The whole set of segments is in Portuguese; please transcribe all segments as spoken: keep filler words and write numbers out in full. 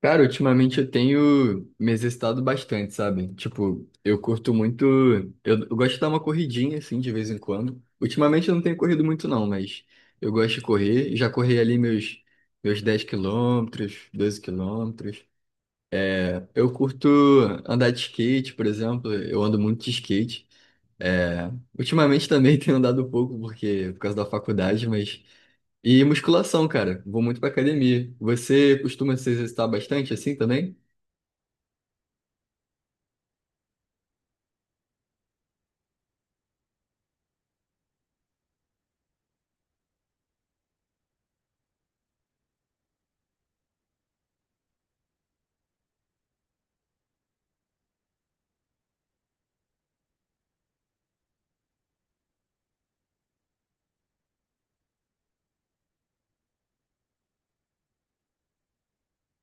Cara, ultimamente eu tenho me exercitado bastante, sabe? Tipo, eu curto muito. Eu, eu gosto de dar uma corridinha, assim, de vez em quando. Ultimamente eu não tenho corrido muito, não, mas eu gosto de correr. Já corri ali meus, meus dez quilômetros, doze quilômetros. Eu curto andar de skate, por exemplo. Eu ando muito de skate. É. Ultimamente também tenho andado pouco, porque por causa da faculdade, mas. E musculação, cara. Vou muito pra academia. Você costuma se exercitar bastante assim também?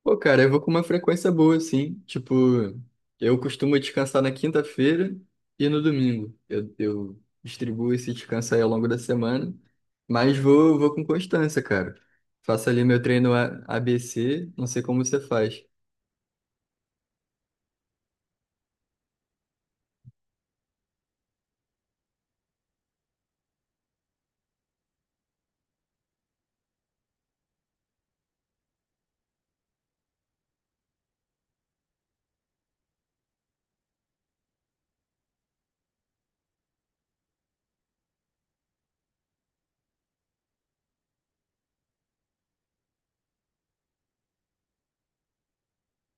Pô, cara, eu vou com uma frequência boa, assim. Tipo, eu costumo descansar na quinta-feira e no domingo. Eu, eu distribuo esse descanso aí ao longo da semana, mas vou, vou com constância, cara. Faço ali meu treino A- ABC, não sei como você faz.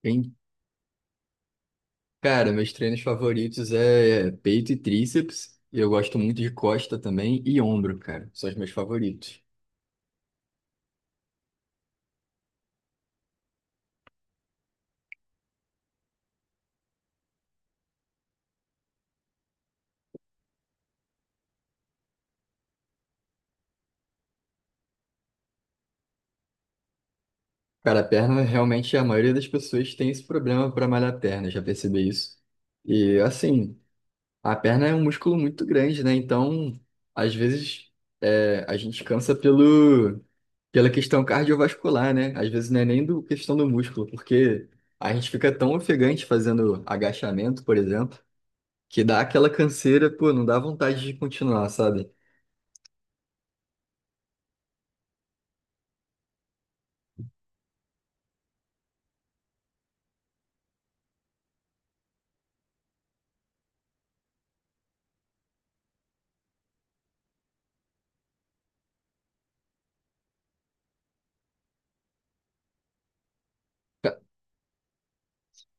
Bem, cara, meus treinos favoritos é é peito e tríceps. e Eu gosto muito de costa também e ombro, cara. São os meus favoritos. Cara, a perna, realmente, a maioria das pessoas tem esse problema para malhar a perna, já percebi isso. E assim. A perna é um músculo muito grande, né? Então, às vezes, é, a gente cansa pelo, pela questão cardiovascular, né? Às vezes não é nem do questão do músculo, porque a gente fica tão ofegante fazendo agachamento, por exemplo, que dá aquela canseira, pô, não dá vontade de continuar, sabe?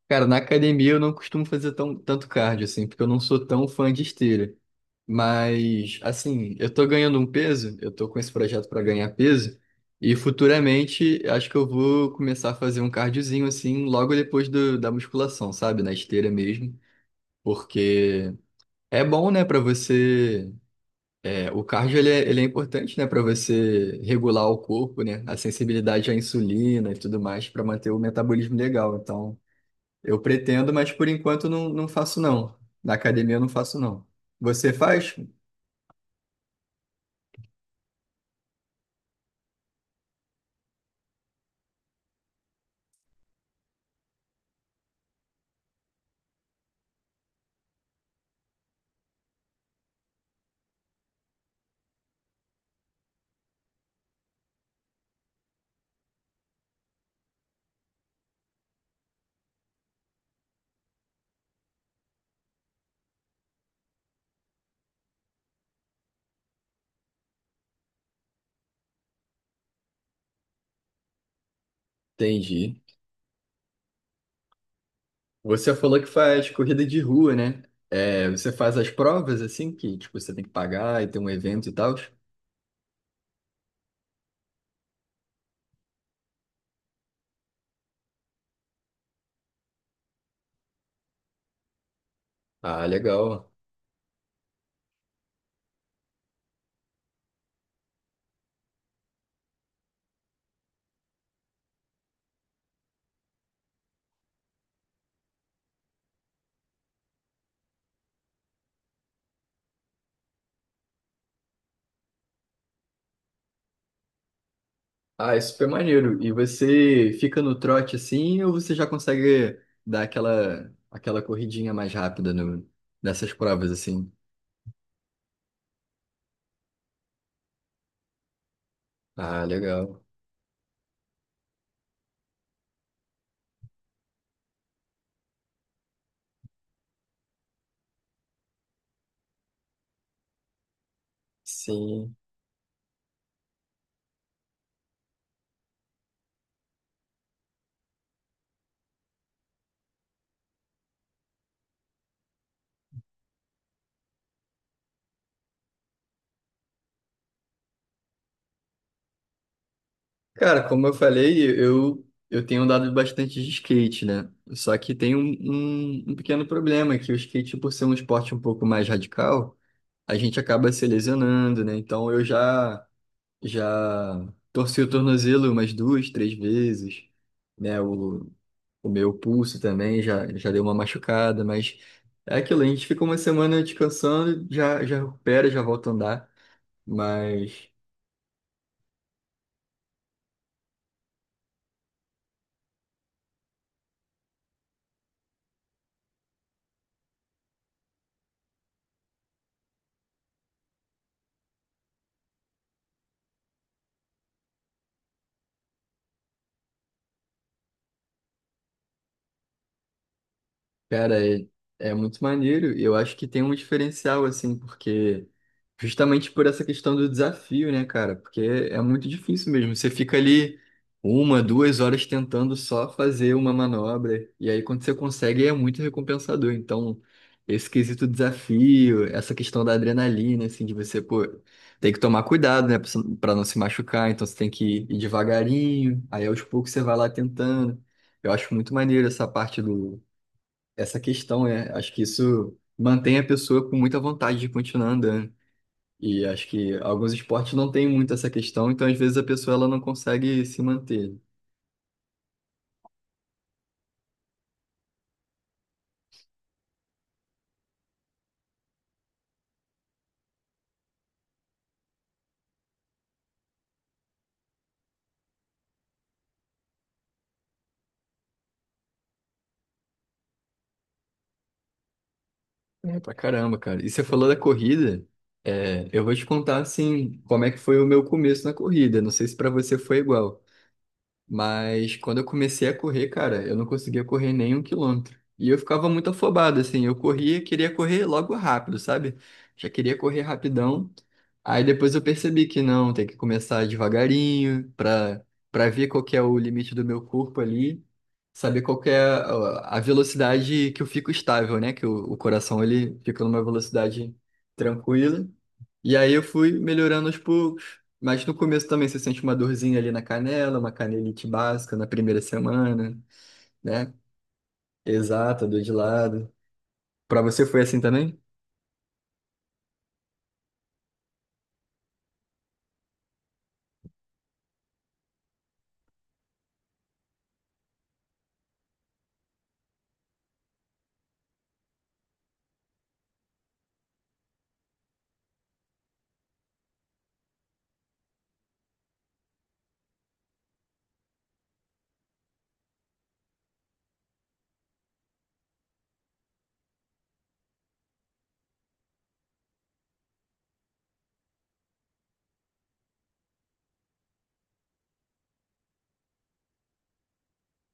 Cara, na academia eu não costumo fazer tão, tanto cardio, assim, porque eu não sou tão fã de esteira. Mas, assim, eu tô ganhando um peso, eu tô com esse projeto para ganhar peso, e futuramente acho que eu vou começar a fazer um cardiozinho, assim, logo depois do- da musculação, sabe? Na esteira mesmo. Porque é bom, né, pra você. É, o cardio ele é, ele é importante, né, pra você regular o corpo, né? A sensibilidade à insulina e tudo mais, pra manter o metabolismo legal. Então. Eu pretendo, mas por enquanto não, não faço não. Na academia eu não faço não. Você faz? Entendi. Você falou que faz corrida de rua, né? É, você faz as provas assim, que tipo, você tem que pagar e tem um evento e tal? Ah, legal. Ah, é super maneiro. E você fica no trote assim ou você já consegue dar aquela, aquela corridinha mais rápida no, nessas provas assim? Ah, legal. Sim. Cara, como eu falei, eu, eu tenho andado bastante de skate, né? Só que tem um, um, um pequeno problema, que o skate, por ser um esporte um pouco mais radical, a gente acaba se lesionando, né? Então eu já, já torci o tornozelo umas duas, três vezes, né? O, o meu pulso também já, já deu uma machucada, mas é aquilo, a gente fica uma semana descansando, já, já recupera, já volta a andar, mas. Cara, é, é muito maneiro. e Eu acho que tem um diferencial, assim, porque justamente por essa questão do desafio, né, cara? Porque é muito difícil mesmo. Você fica ali uma, duas horas tentando só fazer uma manobra. E aí, quando você consegue, é muito recompensador. Então, esse quesito desafio, essa questão da adrenalina, assim, de você, pô, tem que tomar cuidado, né, pra você- pra não se machucar. Então, você tem que ir devagarinho. Aí, aos poucos, você vai lá tentando. Eu acho muito maneiro essa parte do essa questão, é, acho que isso mantém a pessoa com muita vontade de continuar andando. E acho que alguns esportes não têm muito essa questão, então às vezes a pessoa ela não consegue se manter. É pra caramba, cara. E você falou da corrida, é, eu vou te contar assim como é que foi o meu começo na corrida. Não sei se pra você foi igual. Mas quando eu comecei a correr, cara, eu não conseguia correr nem um quilômetro. E eu ficava muito afobado, assim. Eu corria, queria correr logo rápido, sabe? Já queria correr rapidão. Aí depois eu percebi que não, tem que começar devagarinho para para ver qual que é o limite do meu corpo ali, saber qual que é a, a velocidade que eu fico estável, né? Que o, o coração ele fica numa velocidade tranquila. E aí eu fui melhorando aos poucos. Mas no começo também você sente uma dorzinha ali na canela, uma canelite básica na primeira semana, né? Exato, dor de lado. Pra você foi assim também?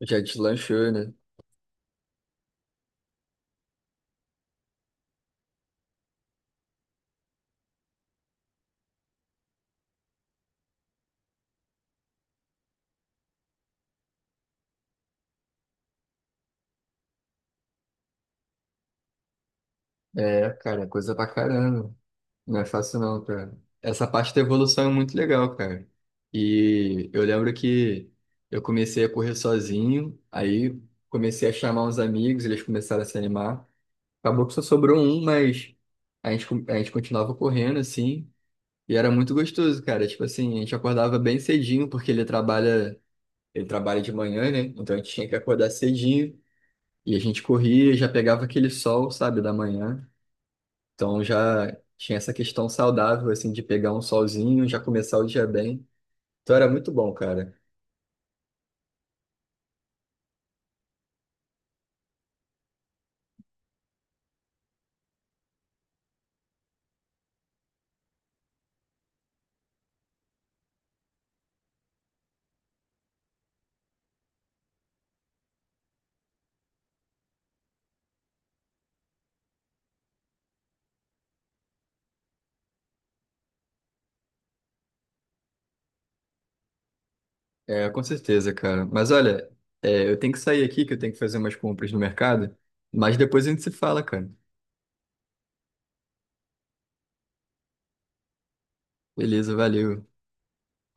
Já deslanchou, né? É, cara, é coisa pra caramba. Não é fácil não, cara. Essa parte da evolução é muito legal, cara. E eu lembro que eu comecei a correr sozinho, aí comecei a chamar uns amigos, eles começaram a se animar. Acabou que só sobrou um, mas a gente, co- a gente continuava correndo, assim, e era muito gostoso, cara. Tipo assim, a gente acordava bem cedinho, porque ele trabalha, ele trabalha de manhã, né? Então a gente tinha que acordar cedinho, e a gente corria, já pegava aquele sol, sabe, da manhã. Então já tinha essa questão saudável, assim, de pegar um solzinho, já começar o dia bem. Então era muito bom, cara. É, com certeza, cara. Mas olha, é, eu tenho que sair aqui, que eu tenho que fazer umas compras no mercado, mas depois a gente se fala, cara. Beleza, valeu.